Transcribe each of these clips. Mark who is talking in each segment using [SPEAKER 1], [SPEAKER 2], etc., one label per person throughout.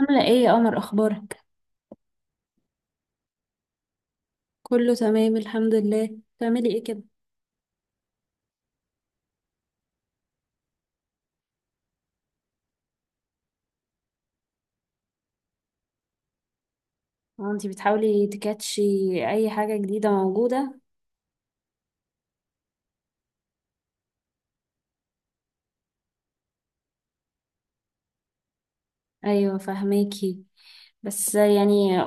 [SPEAKER 1] عاملة ايه يا قمر، اخبارك؟ كله تمام الحمد لله. بتعملي ايه كده؟ هو انتي بتحاولي تكاتشي اي حاجة جديدة موجودة؟ ايوه فهماكي. بس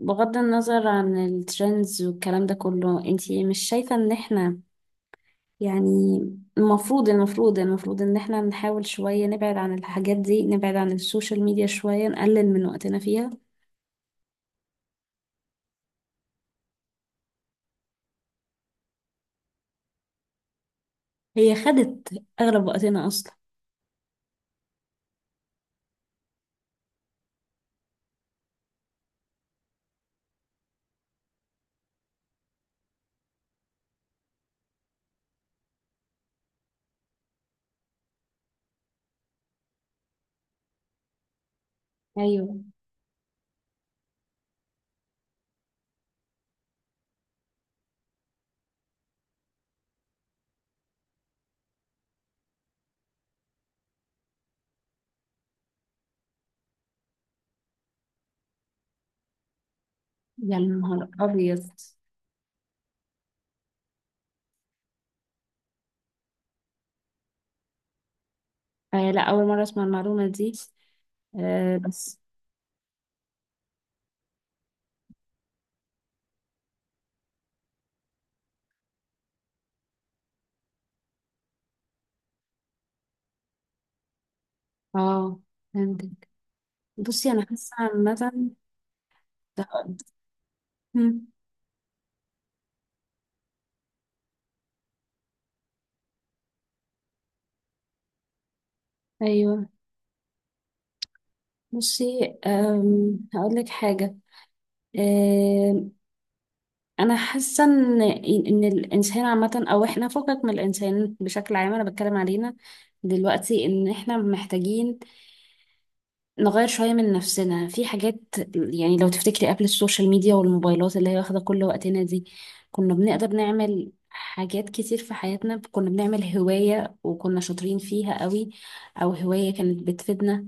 [SPEAKER 1] بغض النظر عن الترندز والكلام ده كله، انتي مش شايفة ان احنا، يعني، المفروض ان احنا نحاول شوية نبعد عن الحاجات دي، نبعد عن السوشيال ميديا شوية، نقلل من وقتنا فيها. هي خدت اغلب وقتنا اصلا. ايوه. يا نهار ابيض! آه لا، أول مرة أسمع المعلومة دي. آه بس. اه فهمتك. بصي أنا حاسة عامة. مم، أيوه. بصي هقول لك حاجة. آم، أنا حاسة إن الإنسان عامة، أو إحنا فكك من الإنسان بشكل عام، أنا بتكلم علينا دلوقتي، إن إحنا محتاجين نغير شوية من نفسنا في حاجات. يعني لو تفتكري قبل السوشيال ميديا والموبايلات اللي هي واخدة كل وقتنا دي، كنا بنقدر نعمل حاجات كتير في حياتنا. كنا بنعمل هواية وكنا شاطرين فيها قوي، أو هواية كانت بتفيدنا،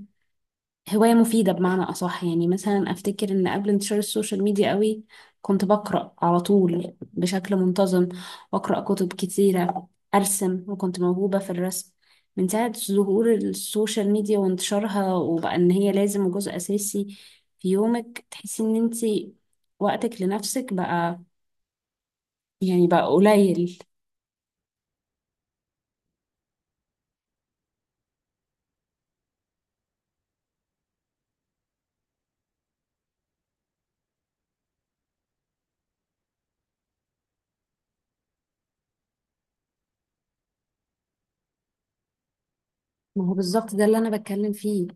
[SPEAKER 1] هواية مفيدة بمعنى أصح. يعني مثلا أفتكر إن قبل انتشار السوشيال ميديا قوي، كنت بقرأ على طول بشكل منتظم، وأقرأ كتب كتيرة، أرسم وكنت موهوبة في الرسم. من ساعة ظهور السوشيال ميديا وانتشارها وبقى إن هي لازم وجزء أساسي في يومك، تحسي إن أنتي وقتك لنفسك بقى، يعني بقى قليل. ما هو بالظبط ده اللي أنا بتكلم فيه.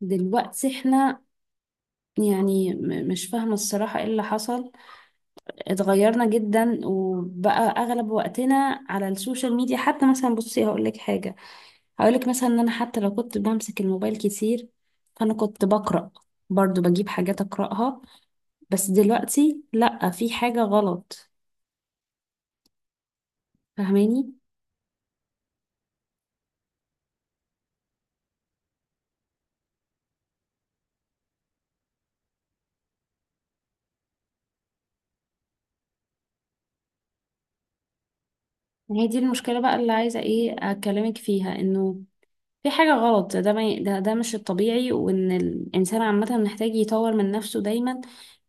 [SPEAKER 1] دلوقتي احنا، يعني، مش فاهمة الصراحة ايه اللي حصل. اتغيرنا جدا وبقى اغلب وقتنا على السوشيال ميديا. حتى مثلا بصي هقول لك حاجه، هقول لك مثلا ان انا حتى لو كنت بمسك الموبايل كتير، فانا كنت بقرا برضو، بجيب حاجات اقراها. بس دلوقتي لا، في حاجه غلط. فاهماني؟ هي دي المشكله بقى اللي عايزه ايه اكلمك فيها، انه في حاجة غلط. ده ما ي- ده ده مش الطبيعي، وإن الإنسان عامة محتاج يطور من نفسه دايما،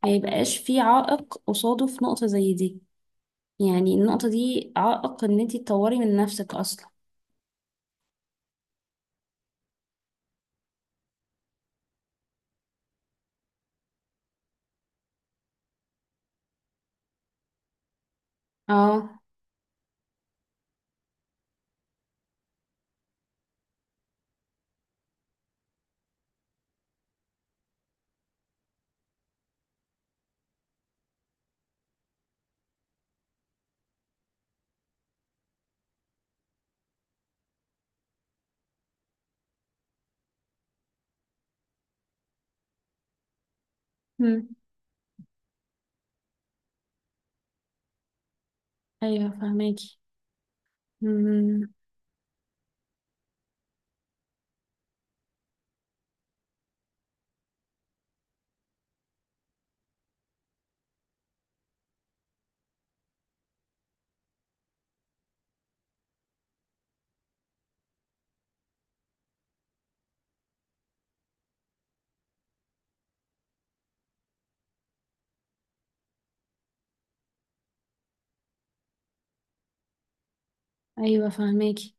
[SPEAKER 1] ما يبقاش في عائق قصاده في نقطة زي دي. يعني النقطة دي عائق ان انتي تطوري من نفسك اصلا. اه. مم. ايوه فهماكي. مم. ايوه فهماكي.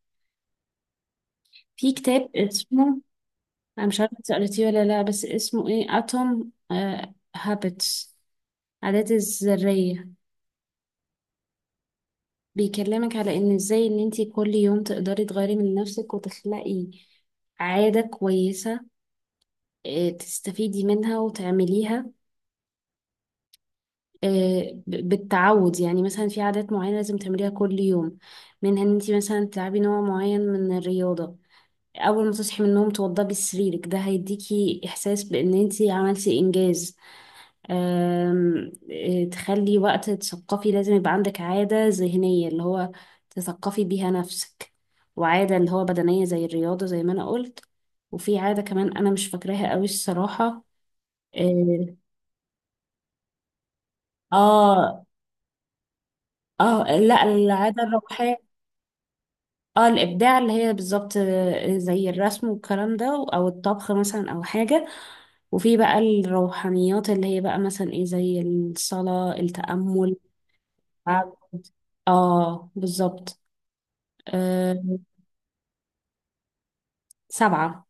[SPEAKER 1] في كتاب اسمه، انا مش عارفة إنتي قريتيه ولا لا، بس اسمه ايه، اتوم هابتس، عادات الذرية. بيكلمك على ان ازاي ان انتي كل يوم تقدري تغيري من نفسك وتخلقي عادة كويسة، تستفيدي منها وتعمليها بالتعود. يعني مثلا في عادات معينة لازم تعمليها كل يوم، منها ان انتي مثلا تلعبي نوع معين من الرياضة. اول ما تصحي من النوم توضبي سريرك، ده هيديكي احساس بان انتي عملتي انجاز. آم، آه، تخلي وقت تثقفي، لازم يبقى عندك عادة ذهنية اللي هو تثقفي بيها نفسك، وعادة اللي هو بدنية زي الرياضة زي ما انا قلت. وفي عادة كمان انا مش فاكراها قوي الصراحة. اه. اه لا، العادة الروحية. اه الابداع، اللي هي بالظبط زي الرسم والكلام ده، او الطبخ مثلا، او حاجه. وفي بقى الروحانيات اللي هي بقى مثلا ايه، زي الصلاه، التامل، التعبد. اه بالظبط. آه سبعه.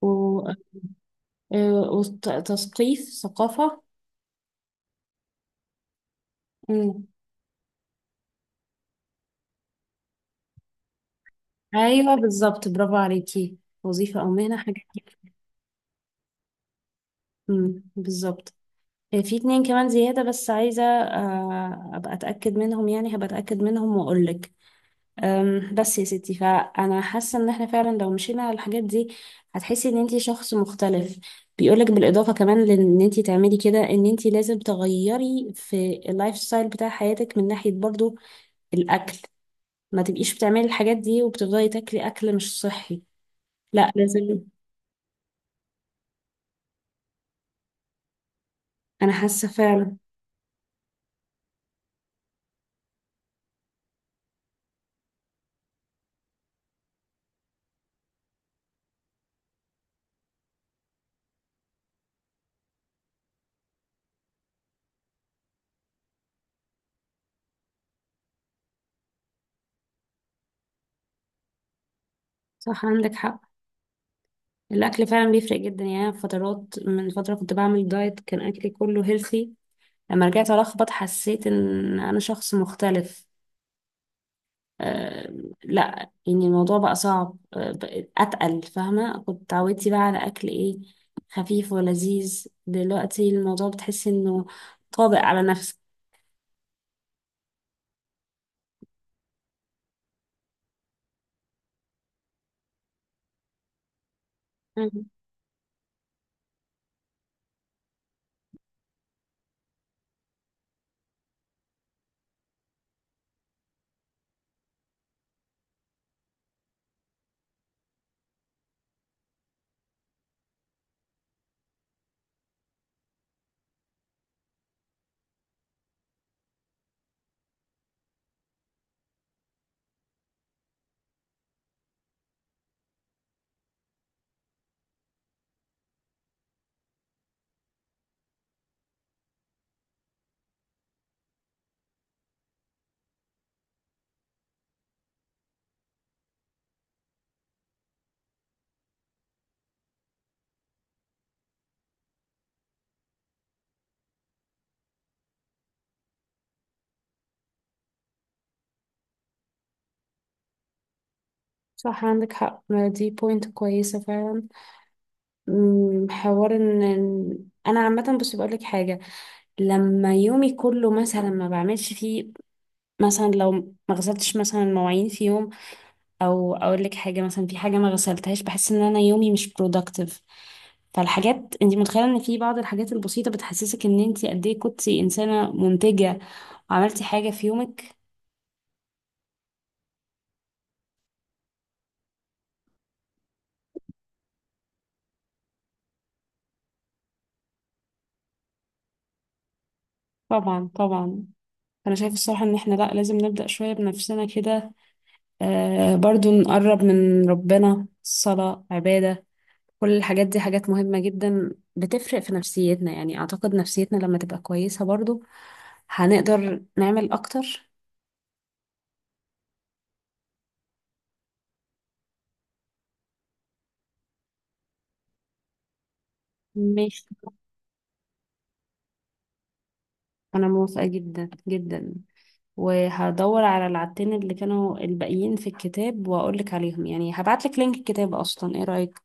[SPEAKER 1] و... وتثقيف، ثقافه. مم. ايوه بالظبط، برافو عليكي. وظيفه او مهنه، حاجه كده. مم، بالظبط. في اتنين كمان زياده، بس عايزه ابقى اتاكد منهم، يعني هبقى اتاكد منهم واقول لك. بس يا ستي، فانا حاسه ان احنا فعلا لو مشينا على الحاجات دي، هتحسي ان انتي شخص مختلف. بيقولك بالاضافه كمان لان انتي تعملي كده، ان انتي لازم تغيري في اللايف ستايل بتاع حياتك، من ناحيه برضو الاكل. ما تبقيش بتعملي الحاجات دي وبتفضلي تاكلي اكل مش صحي، لا لازم. انا حاسه فعلا. صح عندك حق، الاكل فعلا بيفرق جدا. يعني أنا في فترات، من فتره كنت بعمل دايت، كان اكلي كله هيلثي. لما رجعت الخبط، حسيت ان انا شخص مختلف. آه، لا يعني الموضوع بقى صعب، بقى اتقل. فاهمه؟ كنت اتعودتي بقى على اكل ايه، خفيف ولذيذ، دلوقتي الموضوع بتحسي انه طابق على نفسك. مم. صح عندك حق، ما دي بوينت كويسة فعلا. مم، حوار ان إن- انا عامة بس بقول لك حاجة، لما يومي كله مثلا ما بعملش فيه، مثلا لو ما غسلتش مثلا المواعين في يوم، او اقول لك حاجه مثلا، في حاجه ما غسلتهاش، بحس ان انا يومي مش productive. فالحاجات انت متخيله ان في بعض الحاجات البسيطه بتحسسك ان انت قد ايه كنتي انسانه منتجه وعملتي حاجه في يومك. طبعا طبعا. انا شايفه الصراحه ان احنا لا، لازم نبدا شويه بنفسنا كده. برضو نقرب من ربنا، صلاه، عباده، كل الحاجات دي حاجات مهمه جدا، بتفرق في نفسيتنا. يعني اعتقد نفسيتنا لما تبقى كويسه، برضو هنقدر نعمل اكتر. ماشي، انا موافقة جدا جدا. وهدور على العدتين اللي كانوا الباقيين في الكتاب واقولك عليهم، يعني هبعتلك لينك الكتاب اصلا، ايه رأيك؟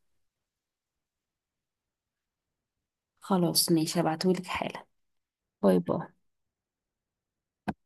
[SPEAKER 1] خلاص ماشي، هبعتهولك حالا. باي باي.